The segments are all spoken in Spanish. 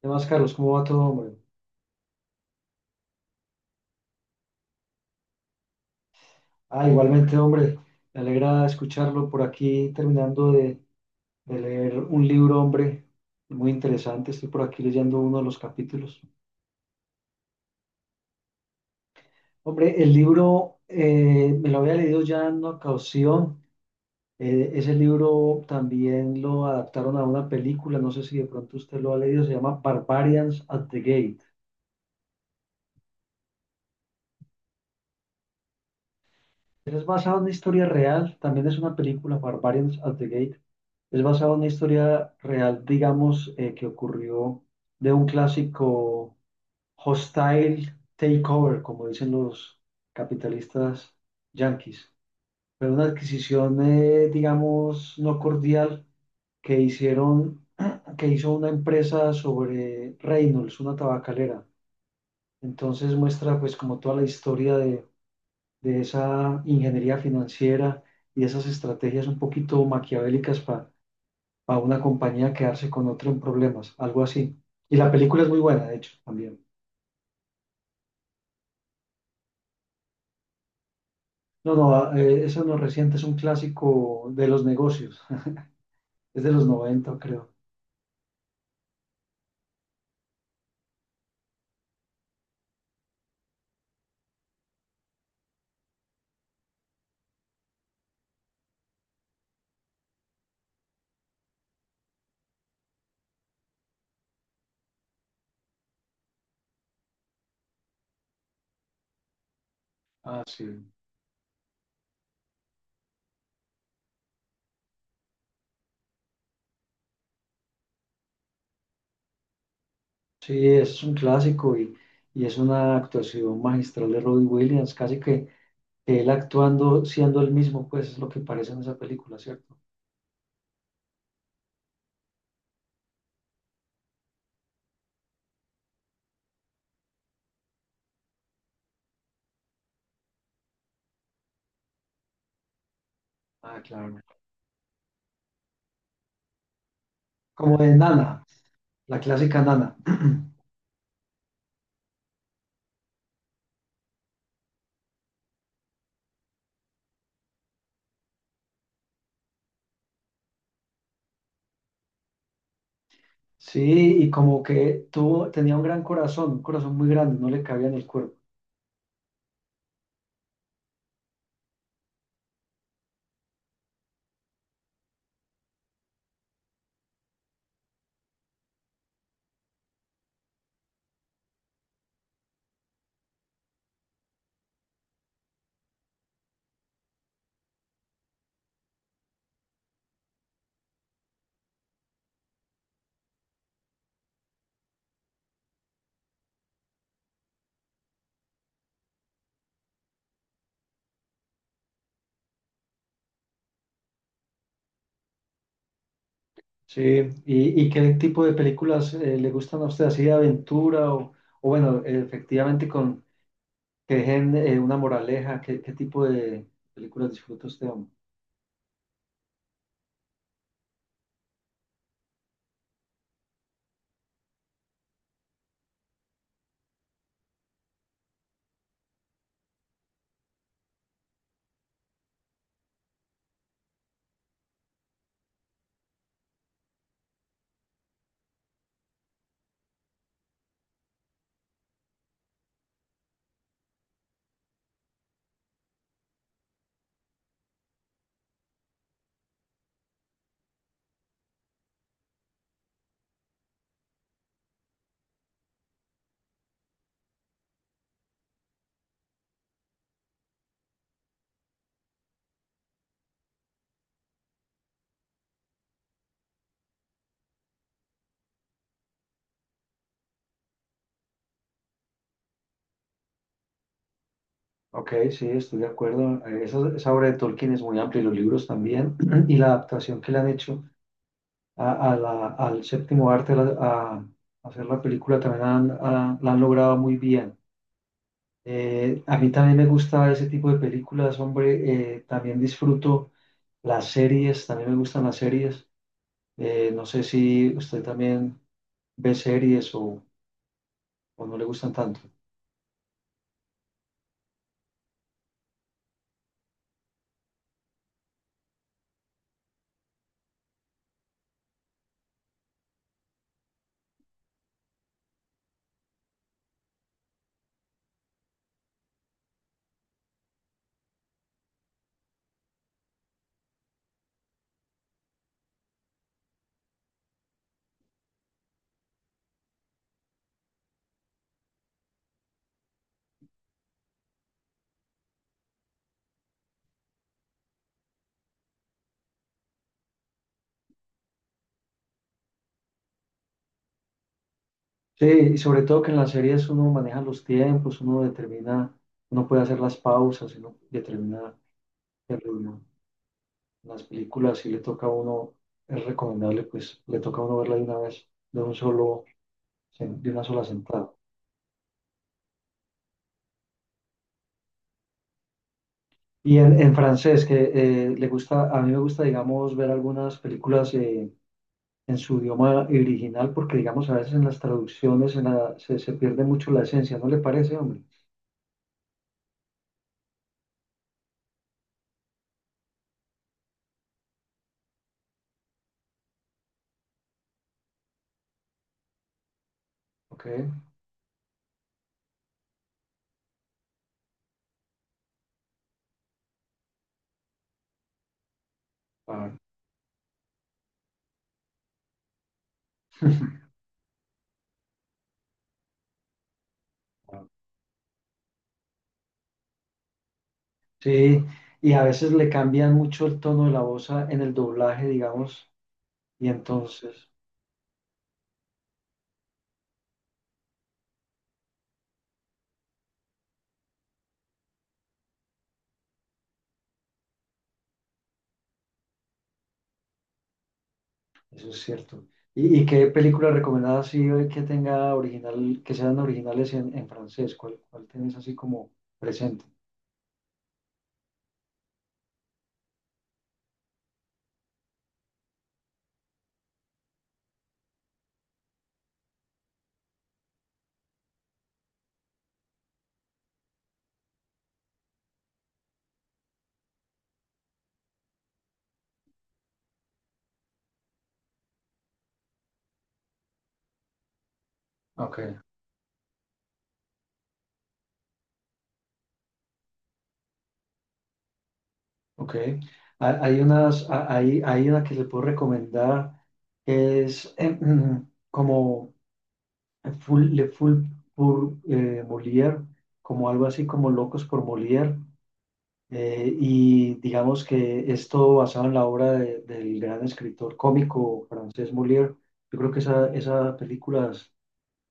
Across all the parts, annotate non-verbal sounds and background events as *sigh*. ¿Qué más, Carlos? ¿Cómo va todo, hombre? Ah, igualmente, hombre, me alegra escucharlo. Por aquí terminando de leer un libro, hombre, muy interesante. Estoy por aquí leyendo uno de los capítulos. Hombre, el libro me lo había leído ya en una ocasión. Ese libro también lo adaptaron a una película, no sé si de pronto usted lo ha leído, se llama Barbarians at the Gate. Es basado en una historia real, también es una película, Barbarians at the Gate. Es basado en una historia real, digamos, que ocurrió de un clásico hostile takeover, como dicen los capitalistas yanquis. Pero una adquisición, digamos, no cordial que hicieron, *clears throat* que hizo una empresa sobre Reynolds, una tabacalera. Entonces muestra pues como toda la historia de esa ingeniería financiera y esas estrategias un poquito maquiavélicas para a una compañía a quedarse con otra en problemas, algo así. Y la película es muy buena, de hecho, también. No, no, eso no es reciente, es un clásico de los negocios, *laughs* es de los noventa creo. Ah, sí. Sí, es un clásico y es una actuación magistral de Robbie Williams, casi que él actuando siendo el mismo, pues es lo que parece en esa película, ¿cierto? Ah, claro. Como de Nana, la clásica Nana. *clears throat* Sí, y como que tuvo, tenía un gran corazón, un corazón muy grande, no le cabía en el cuerpo. Sí, y qué tipo de películas le gustan a usted, así de aventura o bueno, efectivamente con que dejen una moraleja? ¿Qué, qué tipo de películas disfruta usted, hombre? Ok, sí, estoy de acuerdo. Esa, esa obra de Tolkien es muy amplia, y los libros también, *clears throat* y la adaptación que le han hecho a, al séptimo arte, hacer la película, también la han logrado muy bien. A mí también me gusta ese tipo de películas, hombre, también disfruto. Las series, también me gustan las series. No sé si usted también ve series o no le gustan tanto. Sí, y sobre todo que en las series uno maneja los tiempos, uno determina, uno puede hacer las pausas, uno determina el ritmo. En las películas, sí le toca a uno, es recomendable, pues le toca a uno verla de una vez, de un solo, de una sola sentada. Y en francés, que le gusta, a mí me gusta, digamos, ver algunas películas en su idioma original, porque digamos a veces en las traducciones en se, se pierde mucho la esencia, ¿no le parece, hombre? Ok, claro. *laughs* Sí, y a veces le cambian mucho el tono de la voz en el doblaje, digamos, y entonces, eso es cierto. Y qué película recomendada así que tenga original, que sean originales en francés? ¿Cuál, cuál tienes así como presente? Ok. Ok. Hay unas, hay, hay una que le puedo recomendar que es *clears throat* como full, Le Full pour Molière, como algo así como Locos por Molière. Y digamos que esto basado en la obra del gran escritor cómico francés Molière. Yo creo que esa, esas películas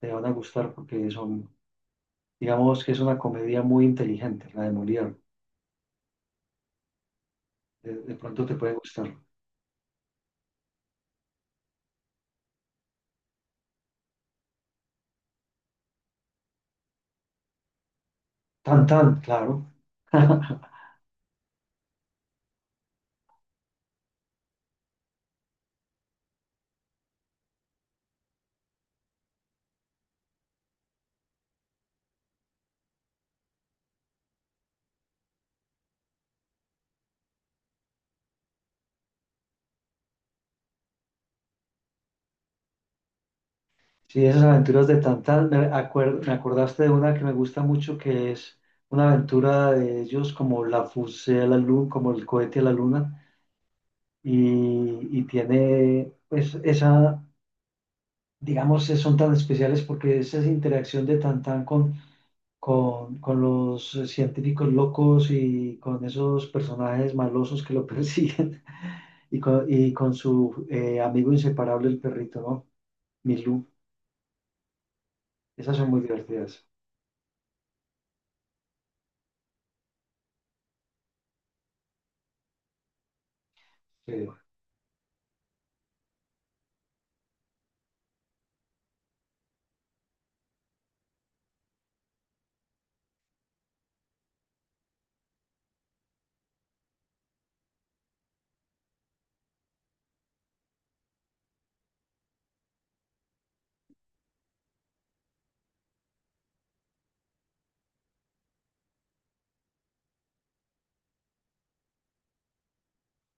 te van a gustar porque son, digamos que es una comedia muy inteligente, la de Molière. De pronto te puede gustar. Tan, tan, claro. *laughs* Sí, esas aventuras de Tantán, me acordaste de una que me gusta mucho, que es una aventura de ellos como la fusée a la luna, como el cohete a la luna, y tiene, pues, esa, digamos, son tan especiales porque es esa interacción de Tantán con, con los científicos locos y con esos personajes malosos que lo *laughs* persiguen, y con su amigo inseparable, el perrito, ¿no? Milú. Esas son muy divertidas. Sí,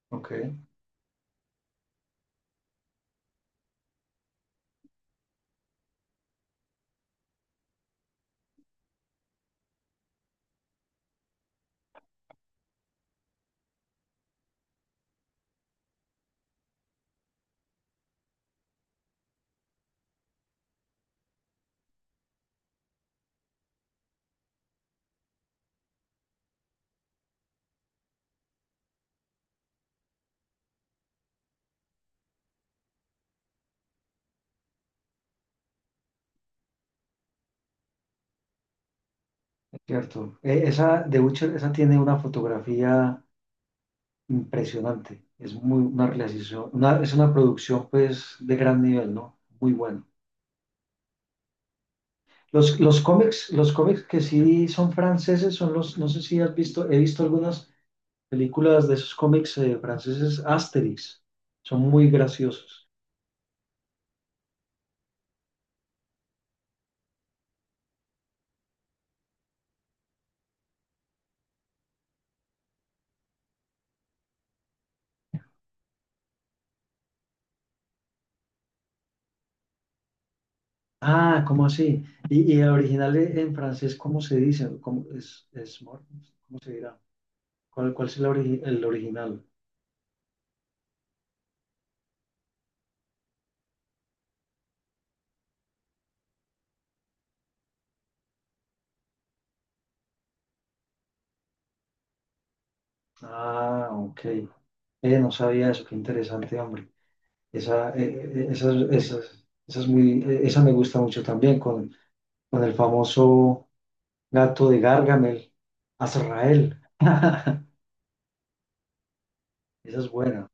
ok. Cierto. Esa, de Witcher, esa tiene una fotografía impresionante. Es muy una realización, es una producción pues de gran nivel, ¿no? Muy bueno. Los cómics que sí son franceses son los, no sé si has visto, he visto algunas películas de esos cómics franceses, Asterix. Son muy graciosos. Ah, ¿cómo así? Y el original en francés, ¿cómo se dice? ¿Cómo es, cómo se dirá? ¿Cuál, cuál es el, el original? Ah, ok. No sabía eso, qué interesante, hombre. Esa, esas, esas muy, esa me gusta mucho también, con el famoso gato de Gargamel, Azrael. *laughs* Esa es buena.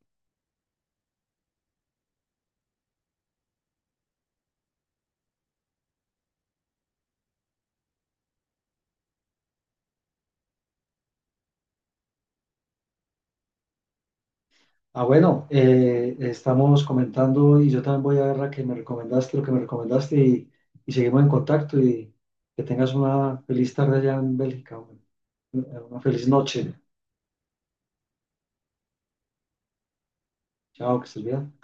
Ah, bueno, estamos comentando y yo también voy a ver la que me recomendaste, lo que me recomendaste, y seguimos en contacto, y que tengas una feliz tarde allá en Bélgica, hombre. Eh, Una feliz noche. Chao, que estés bien.